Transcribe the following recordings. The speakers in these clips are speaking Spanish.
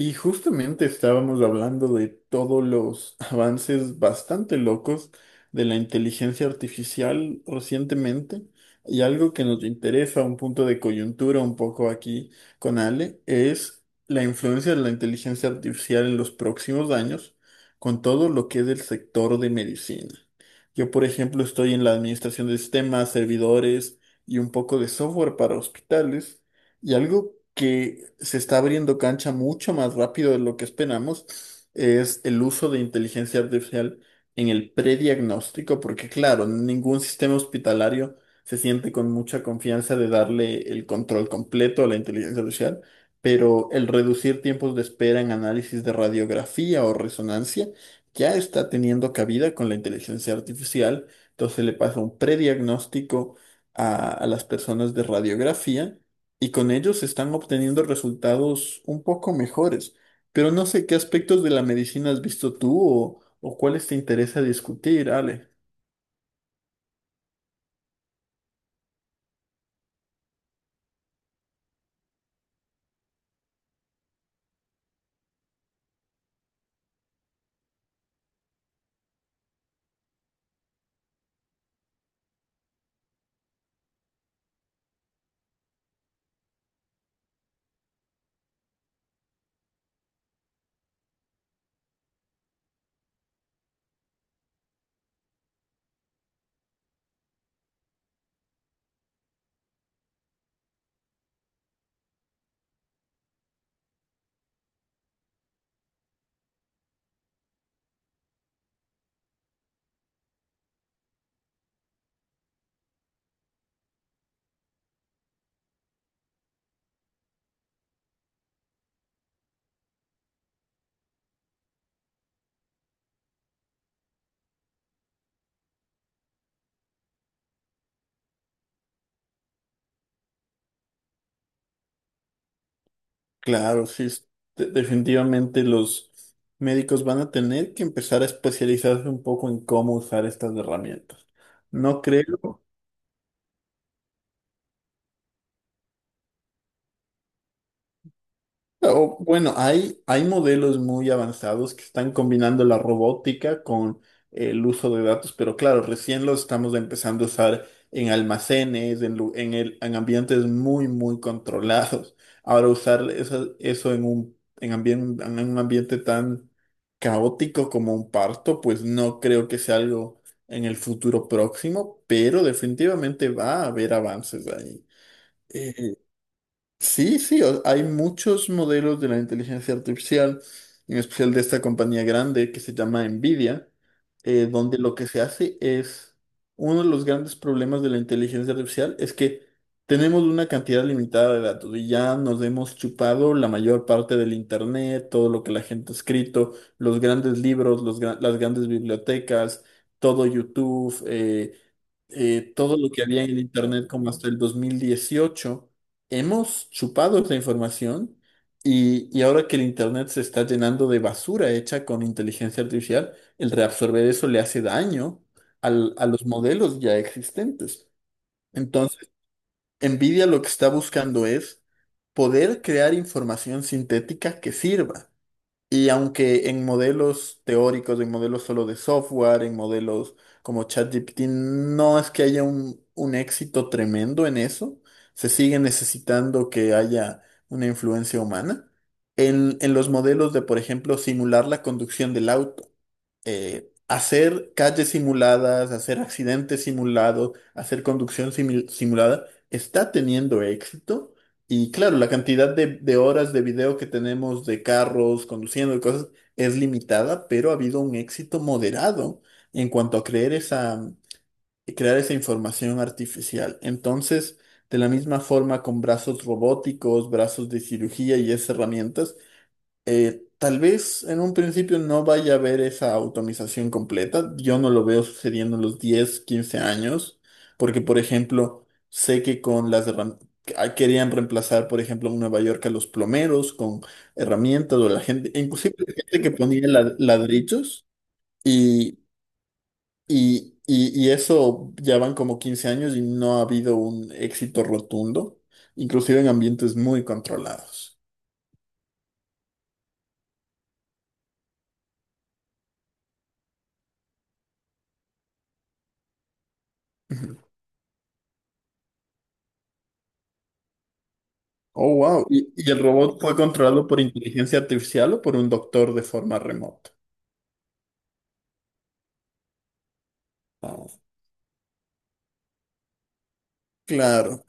Y justamente estábamos hablando de todos los avances bastante locos de la inteligencia artificial recientemente. Y algo que nos interesa, un punto de coyuntura un poco aquí con Ale, es la influencia de la inteligencia artificial en los próximos años con todo lo que es el sector de medicina. Yo, por ejemplo, estoy en la administración de sistemas, servidores y un poco de software para hospitales. Y algo que se está abriendo cancha mucho más rápido de lo que esperamos es el uso de inteligencia artificial en el prediagnóstico, porque claro, ningún sistema hospitalario se siente con mucha confianza de darle el control completo a la inteligencia artificial, pero el reducir tiempos de espera en análisis de radiografía o resonancia ya está teniendo cabida con la inteligencia artificial, entonces le pasa un prediagnóstico a las personas de radiografía y con ellos están obteniendo resultados un poco mejores. Pero no sé qué aspectos de la medicina has visto tú o cuáles te interesa discutir, Ale. Claro, sí, definitivamente los médicos van a tener que empezar a especializarse un poco en cómo usar estas herramientas. No creo. O, bueno, hay modelos muy avanzados que están combinando la robótica con el uso de datos, pero claro, recién los estamos empezando a usar en almacenes, en, lu- en el, en ambientes muy, muy controlados. Ahora usar eso en en en un ambiente tan caótico como un parto, pues no creo que sea algo en el futuro próximo, pero definitivamente va a haber avances ahí. Eh, Sí, sí, hay muchos modelos de la inteligencia artificial, en especial de esta compañía grande que se llama Nvidia, donde lo que se hace es, uno de los grandes problemas de la inteligencia artificial es que tenemos una cantidad limitada de datos y ya nos hemos chupado la mayor parte del internet, todo lo que la gente ha escrito, los grandes libros, las grandes bibliotecas, todo YouTube. Todo lo que había en el Internet como hasta el 2018 hemos chupado esa información y ahora que el Internet se está llenando de basura hecha con inteligencia artificial, el reabsorber eso le hace daño a los modelos ya existentes. Entonces, NVIDIA lo que está buscando es poder crear información sintética que sirva. Y aunque en modelos teóricos, en modelos solo de software, en modelos como ChatGPT, no es que haya un éxito tremendo en eso, se sigue necesitando que haya una influencia humana. En los modelos de, por ejemplo, simular la conducción del auto, hacer calles simuladas, hacer accidentes simulados, hacer conducción simulada, está teniendo éxito y claro, la cantidad de horas de video que tenemos de carros, conduciendo y cosas es limitada, pero ha habido un éxito moderado en cuanto a crear esa información artificial. Entonces, de la misma forma con brazos robóticos, brazos de cirugía y esas herramientas, tal vez en un principio no vaya a haber esa automatización completa. Yo no lo veo sucediendo en los 10 a 15 años, porque por ejemplo, sé que con las querían reemplazar, por ejemplo, en Nueva York a los plomeros con herramientas o la gente, inclusive gente que ponía ladrillos y, y eso ya van como 15 años y no ha habido un éxito rotundo, inclusive en ambientes muy controlados. Oh, wow. Y el robot fue controlado por inteligencia artificial o por un doctor de forma remota? Ah, claro.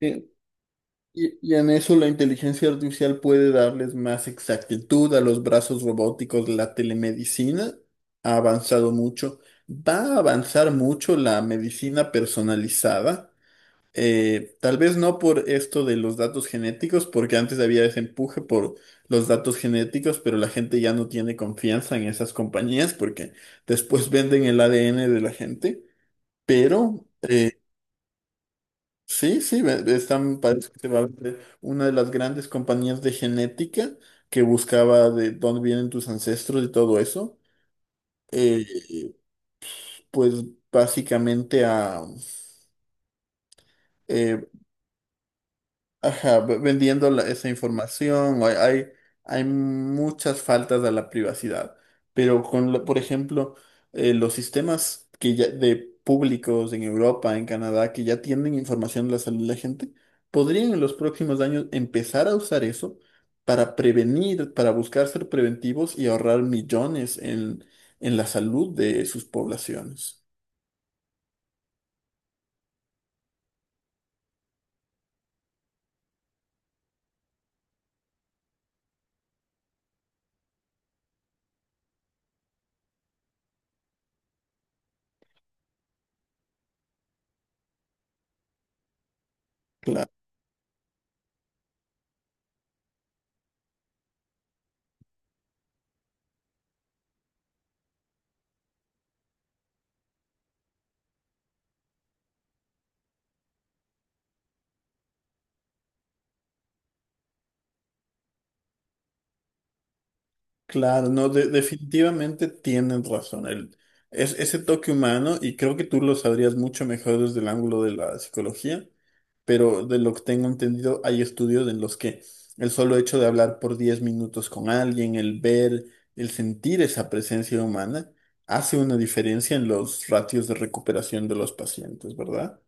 Y, y en eso la inteligencia artificial puede darles más exactitud a los brazos robóticos. La telemedicina ha avanzado mucho. Va a avanzar mucho la medicina personalizada. Tal vez no por esto de los datos genéticos, porque antes había ese empuje por los datos genéticos, pero la gente ya no tiene confianza en esas compañías porque después venden el ADN de la gente. Pero sí, sí, están, parece que se va a vender una de las grandes compañías de genética que buscaba de dónde vienen tus ancestros y todo eso. eh, pues básicamente a eh, ajá, vendiendo esa información, o hay, hay muchas faltas a la privacidad, pero por ejemplo, los sistemas que ya, de públicos en Europa, en Canadá, que ya tienen información de la salud de la gente, podrían en los próximos años empezar a usar eso para prevenir, para buscar ser preventivos y ahorrar millones en la salud de sus poblaciones. Qué Claro, no, definitivamente tienen razón. Ese toque humano, y creo que tú lo sabrías mucho mejor desde el ángulo de la psicología, pero de lo que tengo entendido, hay estudios en los que el solo hecho de hablar por 10 minutos con alguien, el ver, el sentir esa presencia humana, hace una diferencia en los ratios de recuperación de los pacientes, ¿verdad?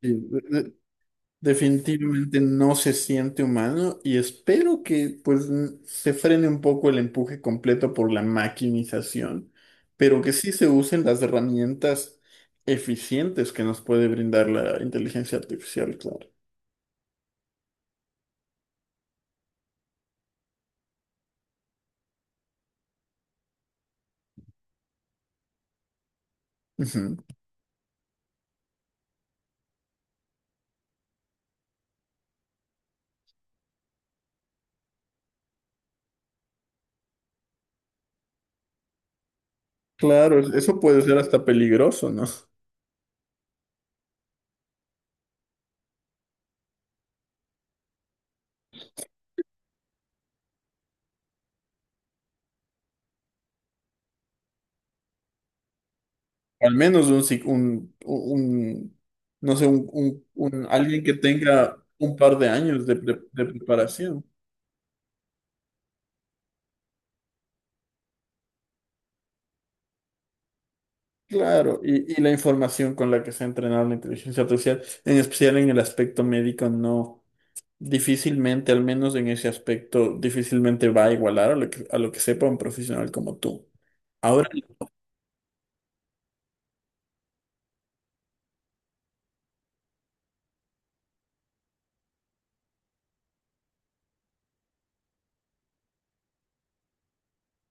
Sí, definitivamente no se siente humano y espero que pues se frene un poco el empuje completo por la maquinización, pero que sí se usen las herramientas eficientes que nos puede brindar la inteligencia artificial, claro. Ujú. Claro, eso puede ser hasta peligroso, ¿no? Al menos un, psic- un- no sé, alguien que tenga un par de años de de preparación. Claro, y la información con la que se ha entrenado la inteligencia artificial, en especial en el aspecto médico, no, difícilmente, al menos en ese aspecto, difícilmente va a igualar a lo que sepa un profesional como tú. Ahora,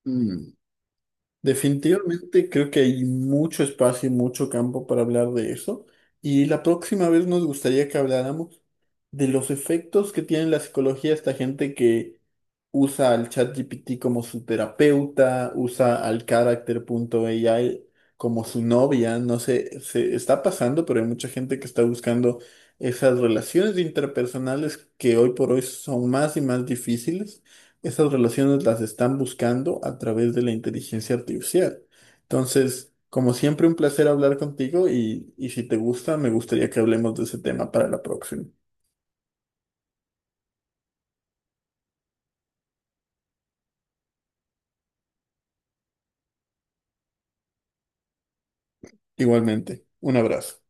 mm, definitivamente creo que hay mucho espacio y mucho campo para hablar de eso. Y la próxima vez nos gustaría que habláramos de los efectos que tiene en la psicología esta gente que usa al ChatGPT como su terapeuta, usa al Character.ai como su novia. No sé, se está pasando, pero hay mucha gente que está buscando esas relaciones interpersonales que hoy por hoy son más y más difíciles. Esas relaciones las están buscando a través de la inteligencia artificial. Entonces, como siempre, un placer hablar contigo y si te gusta, me gustaría que hablemos de ese tema para la próxima. Igualmente, un abrazo.